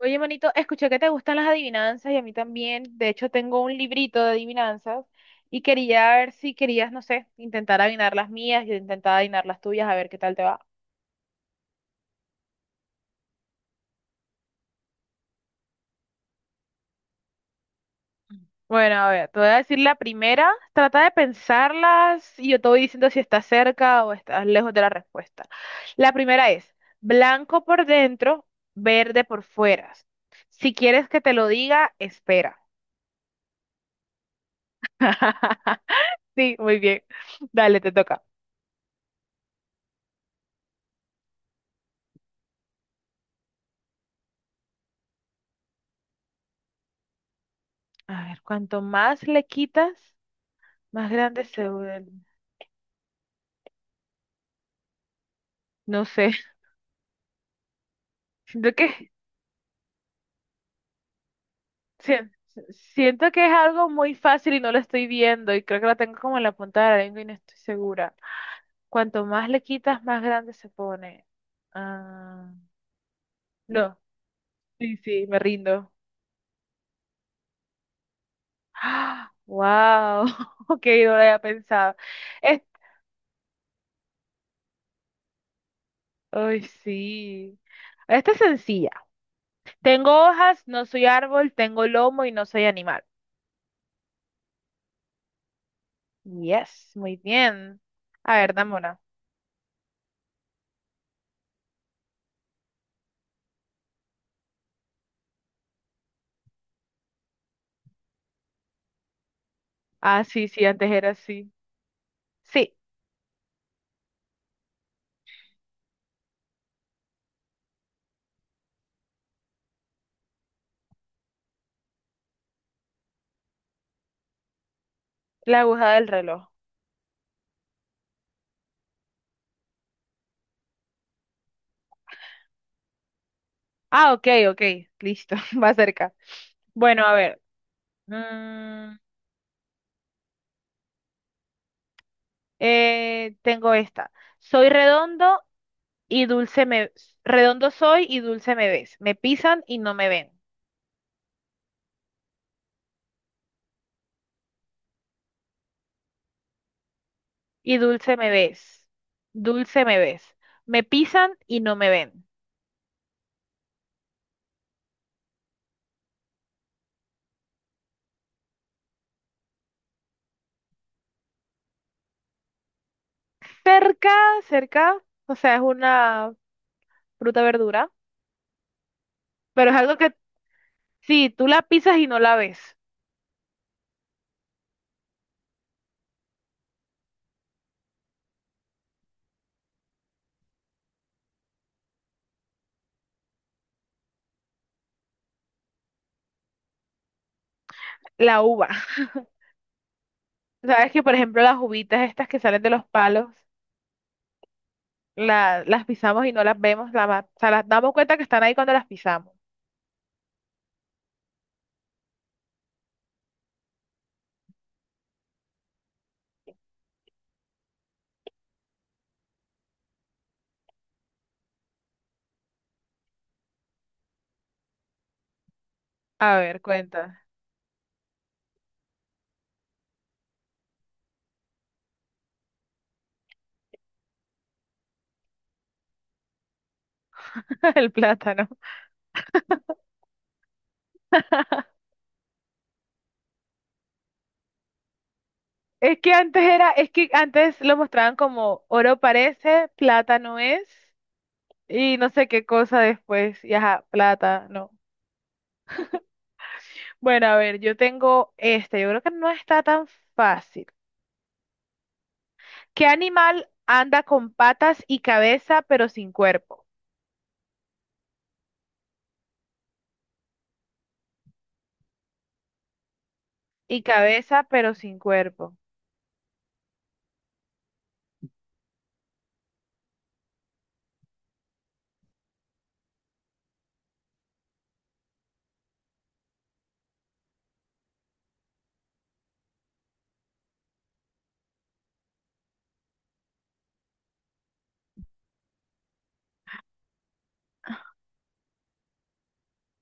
Oye, manito, escuché que te gustan las adivinanzas y a mí también. De hecho, tengo un librito de adivinanzas y quería ver si querías, no sé, intentar adivinar las mías y intentar adivinar las tuyas, a ver qué tal te va. Bueno, a ver, te voy a decir la primera. Trata de pensarlas y yo te voy diciendo si estás cerca o estás lejos de la respuesta. La primera es blanco por dentro, verde por fuera. Si quieres que te lo diga, espera. Sí, muy bien. Dale, te toca. A ver, cuanto más le quitas, más grande se vuelve. No sé, siento que, sien- siento que es algo muy fácil y no lo estoy viendo y creo que lo tengo como en la punta de la lengua y no estoy segura. Cuanto más le quitas, más grande se pone. Ah, no, sí, sí, me rindo. ¡Ah! ¡Wow! Ok, no lo había pensado. Es- Ay, sí. Esta es sencilla. Tengo hojas, no soy árbol, tengo lomo y no soy animal. Yes, muy bien. A ver, dame una. Ah, sí, sí, antes era así. Sí, la aguja del reloj. Ah, ok, ok, listo, va cerca. Bueno, a ver. mm, Tengo esta. Soy redondo y dulce me... Redondo soy y dulce me ves. Me pisan y no me ven. Y dulce me ves. Dulce me ves. Me pisan y no me ven. Cerca, cerca. O sea, es una fruta verdura, pero es algo que sí, tú la pisas y no la ves, la uva. Sabes que, por ejemplo, las uvitas estas que salen de los palos, las pisamos y no las vemos, o sea, las damos cuenta que están ahí cuando las pisamos. A ver, cuenta, el plátano. Es que antes era, es que antes lo mostraban como oro parece, plátano es, y no sé qué cosa después, y ajá, plátano. Bueno, a ver, yo tengo este, yo creo que no está tan fácil. ¿Qué animal anda con patas y cabeza pero sin cuerpo? Y cabeza pero sin cuerpo.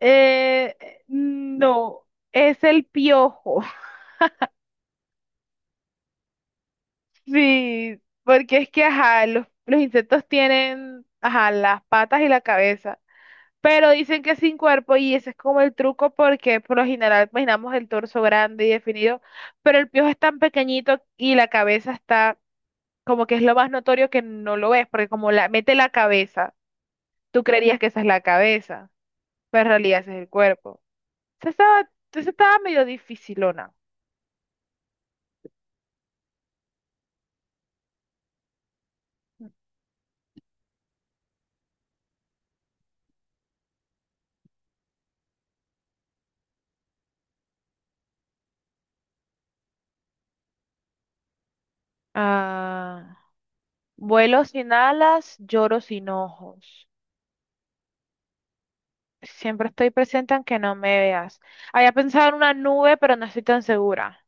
No, es el piojo. Sí, porque es que, ajá, los insectos tienen, ajá, las patas y la cabeza, pero dicen que sin cuerpo y ese es como el truco porque por lo general imaginamos el torso grande y definido, pero el piojo es tan pequeñito y la cabeza está como que es lo más notorio que no lo ves, porque como la mete la cabeza, tú creerías que esa es la cabeza, pero en realidad ese es el cuerpo. Esa estaba medio dificilona. Ah, vuelo sin alas, lloro sin ojos. Siempre estoy presente aunque no me veas. Había pensado en una nube, pero no estoy tan segura.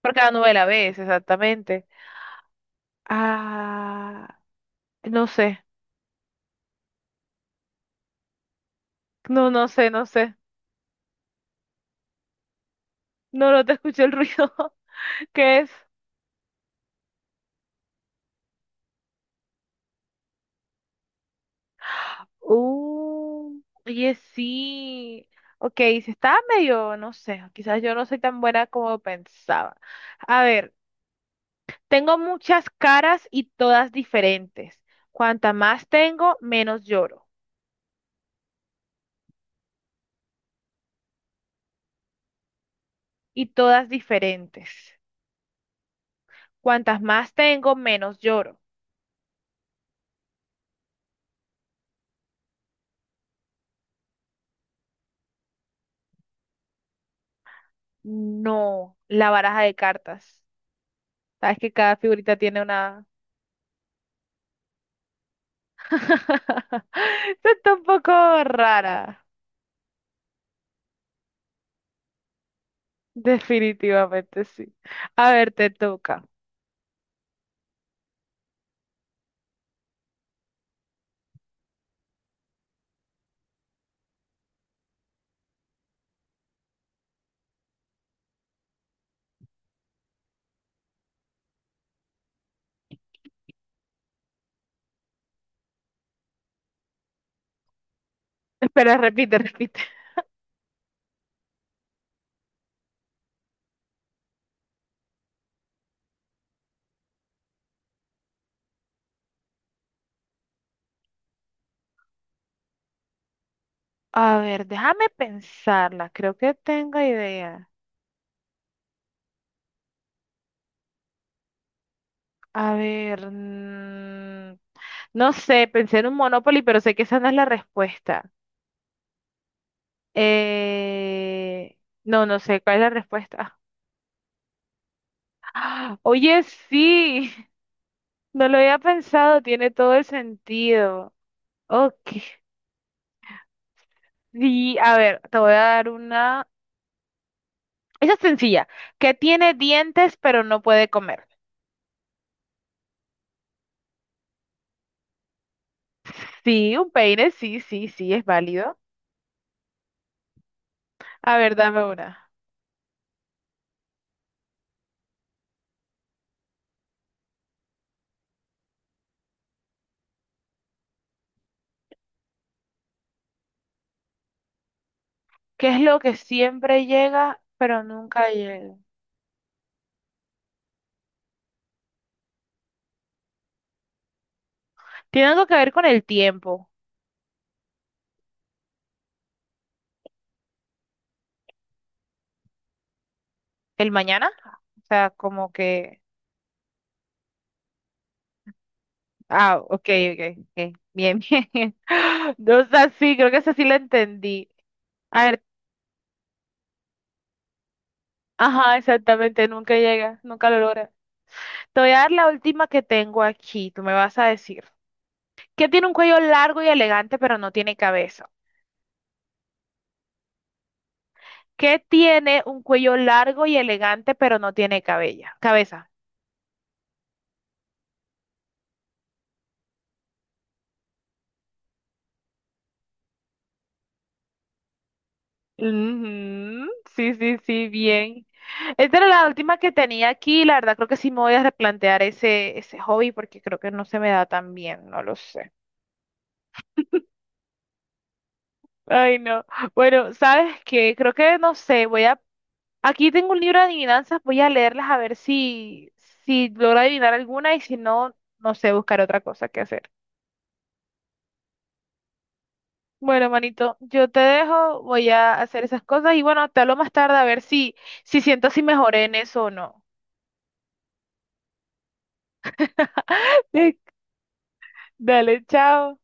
Porque la nube la ves, exactamente. Ah, no sé. No, no sé, no sé. No, no te escuché el ruido. ¿Qué es? Uh, oye, sí. Ok, si estaba medio, no sé, quizás yo no soy tan buena como pensaba. A ver, tengo muchas caras y todas diferentes. Cuanta más tengo, menos lloro. Y todas diferentes. Cuantas más tengo, menos lloro. No, la baraja de cartas. Sabes que cada figurita tiene una... Esto está un poco rara. Definitivamente sí. A ver, te toca. Espera, repite, repite. A ver, déjame pensarla. Creo que tengo idea. A ver, no sé, pensé en un Monopoly, pero sé que esa no es la respuesta. Eh, no, no sé cuál es la respuesta. ¡Ah! Oye, sí, no lo había pensado, tiene todo el sentido. Ok. Y a ver, te voy a dar una. Esa es sencilla. ¿Que tiene dientes pero no puede comer? Sí, un peine, sí, sí, sí, es válido. A ver, dame una. ¿Qué es lo que siempre llega pero nunca llega? Tiene algo que ver con el tiempo. ¿El mañana? O sea, como que. Ah, ok, ok, ok. Bien, bien. No sé, sí, creo que esa sí la entendí. A ver, ajá, exactamente, nunca llega, nunca lo logra. Te voy a dar la última que tengo aquí, tú me vas a decir. ¿Qué tiene un cuello largo y elegante pero no tiene cabeza? ¿Qué tiene un cuello largo y elegante pero no tiene cabella? Cabeza. Ujú, sí, sí, sí, bien. Esta era la última que tenía aquí, la verdad creo que sí me voy a replantear ese, ese hobby porque creo que no se me da tan bien, no lo sé. Ay, no. Bueno, ¿sabes qué? Creo que no sé, voy a... Aquí tengo un libro de adivinanzas, voy a leerlas a ver si, si logro adivinar alguna y si no, no sé, buscar otra cosa que hacer. Bueno, manito, yo te dejo, voy a hacer esas cosas y bueno, te hablo más tarde a ver si, si siento si mejoré en eso o no. Dale, chao.